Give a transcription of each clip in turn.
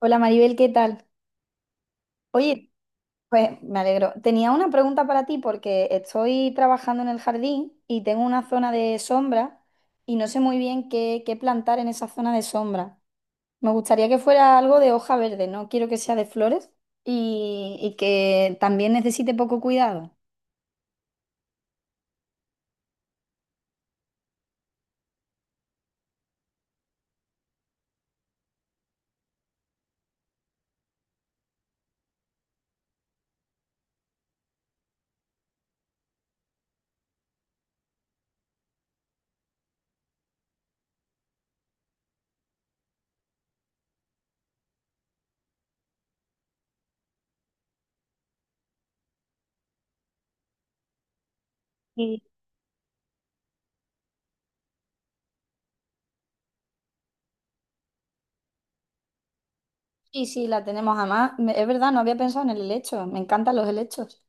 Hola Maribel, ¿qué tal? Oye, pues me alegro. Tenía una pregunta para ti porque estoy trabajando en el jardín y tengo una zona de sombra y no sé muy bien qué plantar en esa zona de sombra. Me gustaría que fuera algo de hoja verde, no quiero que sea de flores y que también necesite poco cuidado. Y sí, sí, la tenemos además. Es verdad, no había pensado en el helecho. Me encantan los helechos.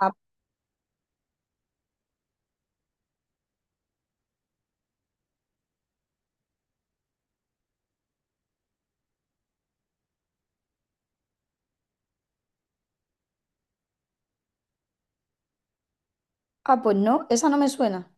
Ah, pues no, esa no me suena.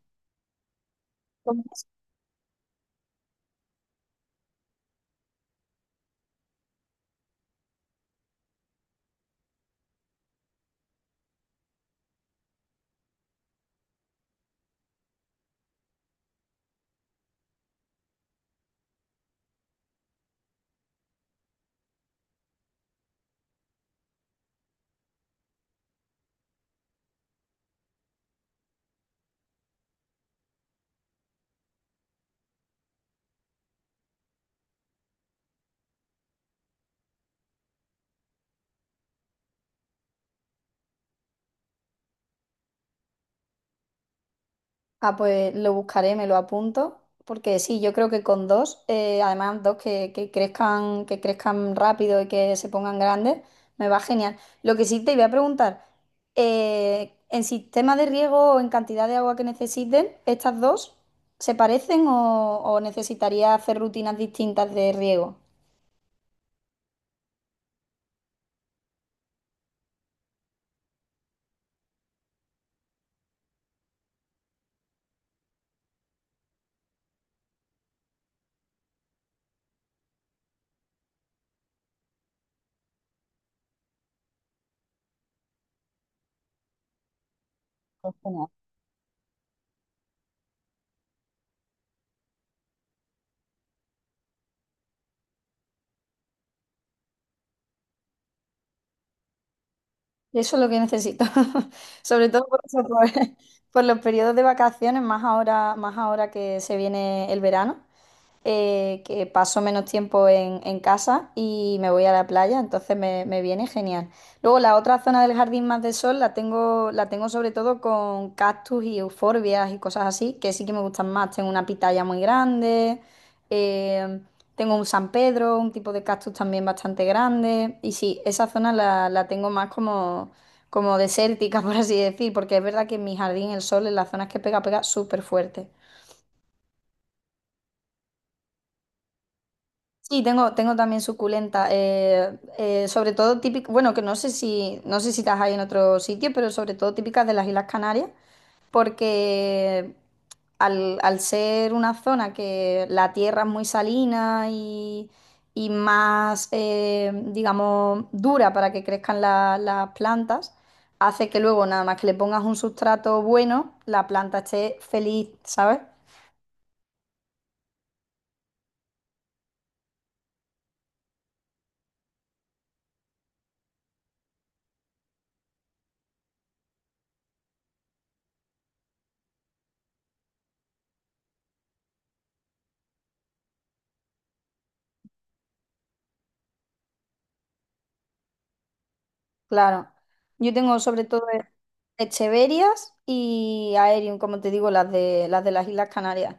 Ah, pues lo buscaré, me lo apunto, porque sí, yo creo que con dos, además dos que crezcan, que crezcan rápido y que se pongan grandes, me va genial. Lo que sí te iba a preguntar, en sistema de riego o en cantidad de agua que necesiten, ¿estas dos se parecen o necesitaría hacer rutinas distintas de riego? Bueno, eso es lo que necesito, sobre todo por eso, por los periodos de vacaciones, más ahora que se viene el verano. Que paso menos tiempo en casa y me voy a la playa, entonces me viene genial. Luego la otra zona del jardín más de sol la tengo sobre todo con cactus y euforbias y cosas así, que sí que me gustan más. Tengo una pitaya muy grande, eh, tengo un San Pedro, un tipo de cactus también bastante grande. Y sí, esa zona la tengo más como... como desértica, por así decir, porque es verdad que en mi jardín el sol en las zonas que pega, pega súper fuerte. Sí, tengo también suculenta. Sobre todo típica, bueno, que no sé si, no sé si las hay en otro sitio, pero sobre todo típicas de las Islas Canarias, porque al ser una zona que la tierra es muy salina y más, digamos, dura para que crezcan las plantas, hace que luego nada más que le pongas un sustrato bueno, la planta esté feliz, ¿sabes? Claro. Yo tengo sobre todo Echeverias y Aerium, como te digo, las de las Islas Canarias.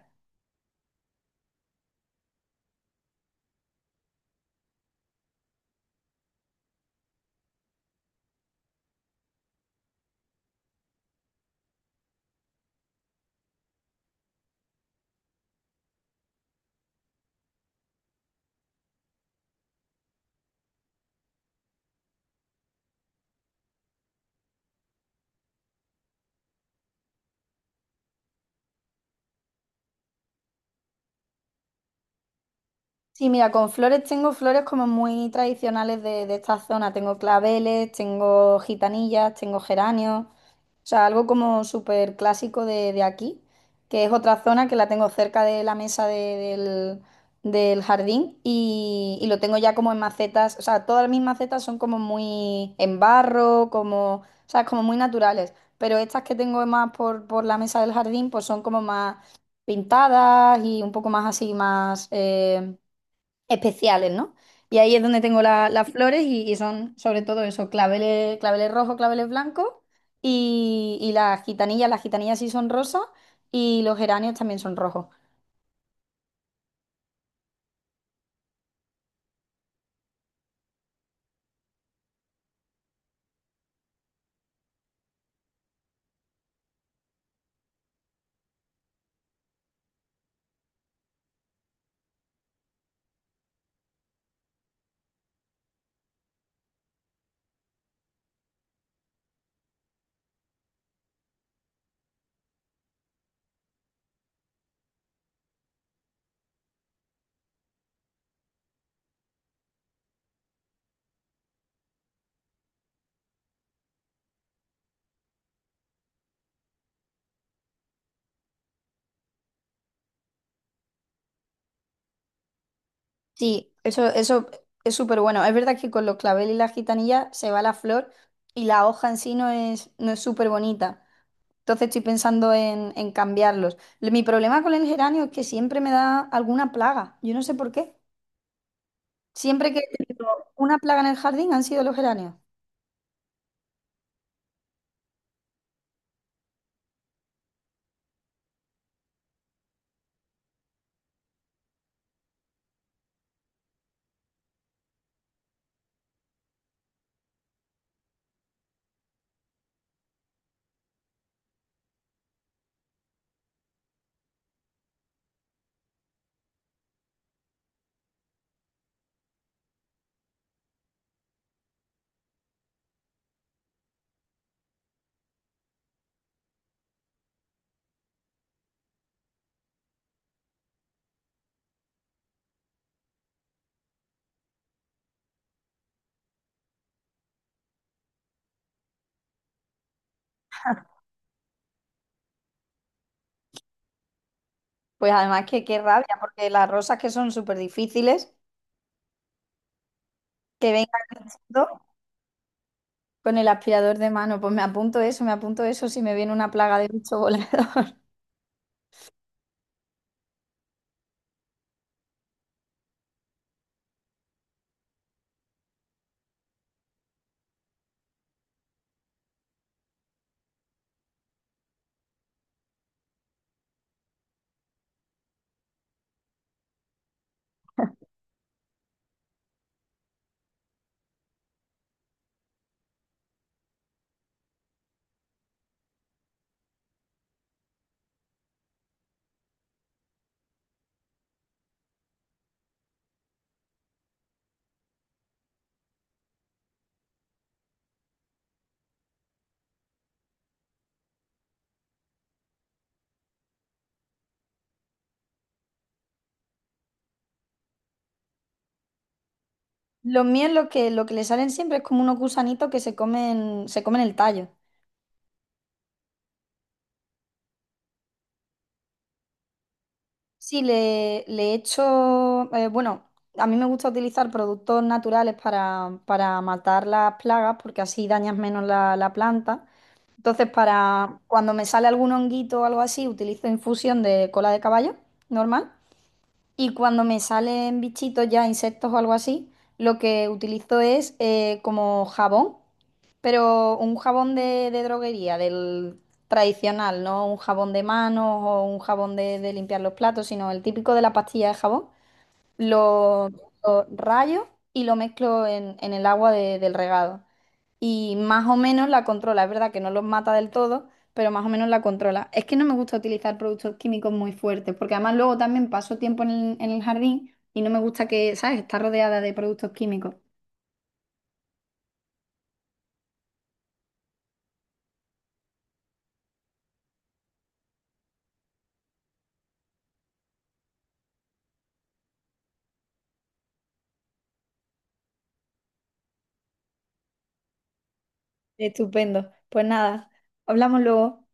Sí, mira, con flores tengo flores como muy tradicionales de esta zona. Tengo claveles, tengo gitanillas, tengo geranios. O sea, algo como súper clásico de aquí, que es otra zona que la tengo cerca de la mesa del jardín y lo tengo ya como en macetas. O sea, todas mis macetas son como muy en barro, como, o sea, como muy naturales. Pero estas que tengo más por la mesa del jardín, pues son como más pintadas y un poco más así, más... especiales, ¿no? Y ahí es donde tengo las flores y son sobre todo eso, claveles, claveles rojos, claveles blancos y las gitanillas sí son rosas y los geranios también son rojos. Sí, eso es súper bueno. Es verdad que con los claveles y las gitanillas se va la flor y la hoja en sí no es súper bonita. Entonces estoy pensando en cambiarlos. Mi problema con el geranio es que siempre me da alguna plaga. Yo no sé por qué. Siempre que he tenido una plaga en el jardín han sido los geranios. Pues además que qué rabia, porque las rosas que son súper difíciles, que vengan el con el aspirador de mano, pues me apunto eso si me viene una plaga de bicho volador. Los míos lo que le salen siempre es como unos gusanitos que se comen el tallo. Sí, le echo, bueno, a mí me gusta utilizar productos naturales para matar las plagas porque así dañas menos la planta. Entonces, para cuando me sale algún honguito o algo así, utilizo infusión de cola de caballo normal. Y cuando me salen bichitos ya, insectos o algo así, lo que utilizo es como jabón, pero un jabón de droguería, del tradicional, no un jabón de manos o un jabón de limpiar los platos, sino el típico de la pastilla de jabón lo rayo y lo mezclo en el agua del regado. Y más o menos la controla. Es verdad que no los mata del todo, pero más o menos la controla. Es que no me gusta utilizar productos químicos muy fuertes, porque además luego también paso tiempo en en el jardín y no me gusta que, ¿sabes?, está rodeada de productos químicos. Estupendo. Pues nada, hablamos luego.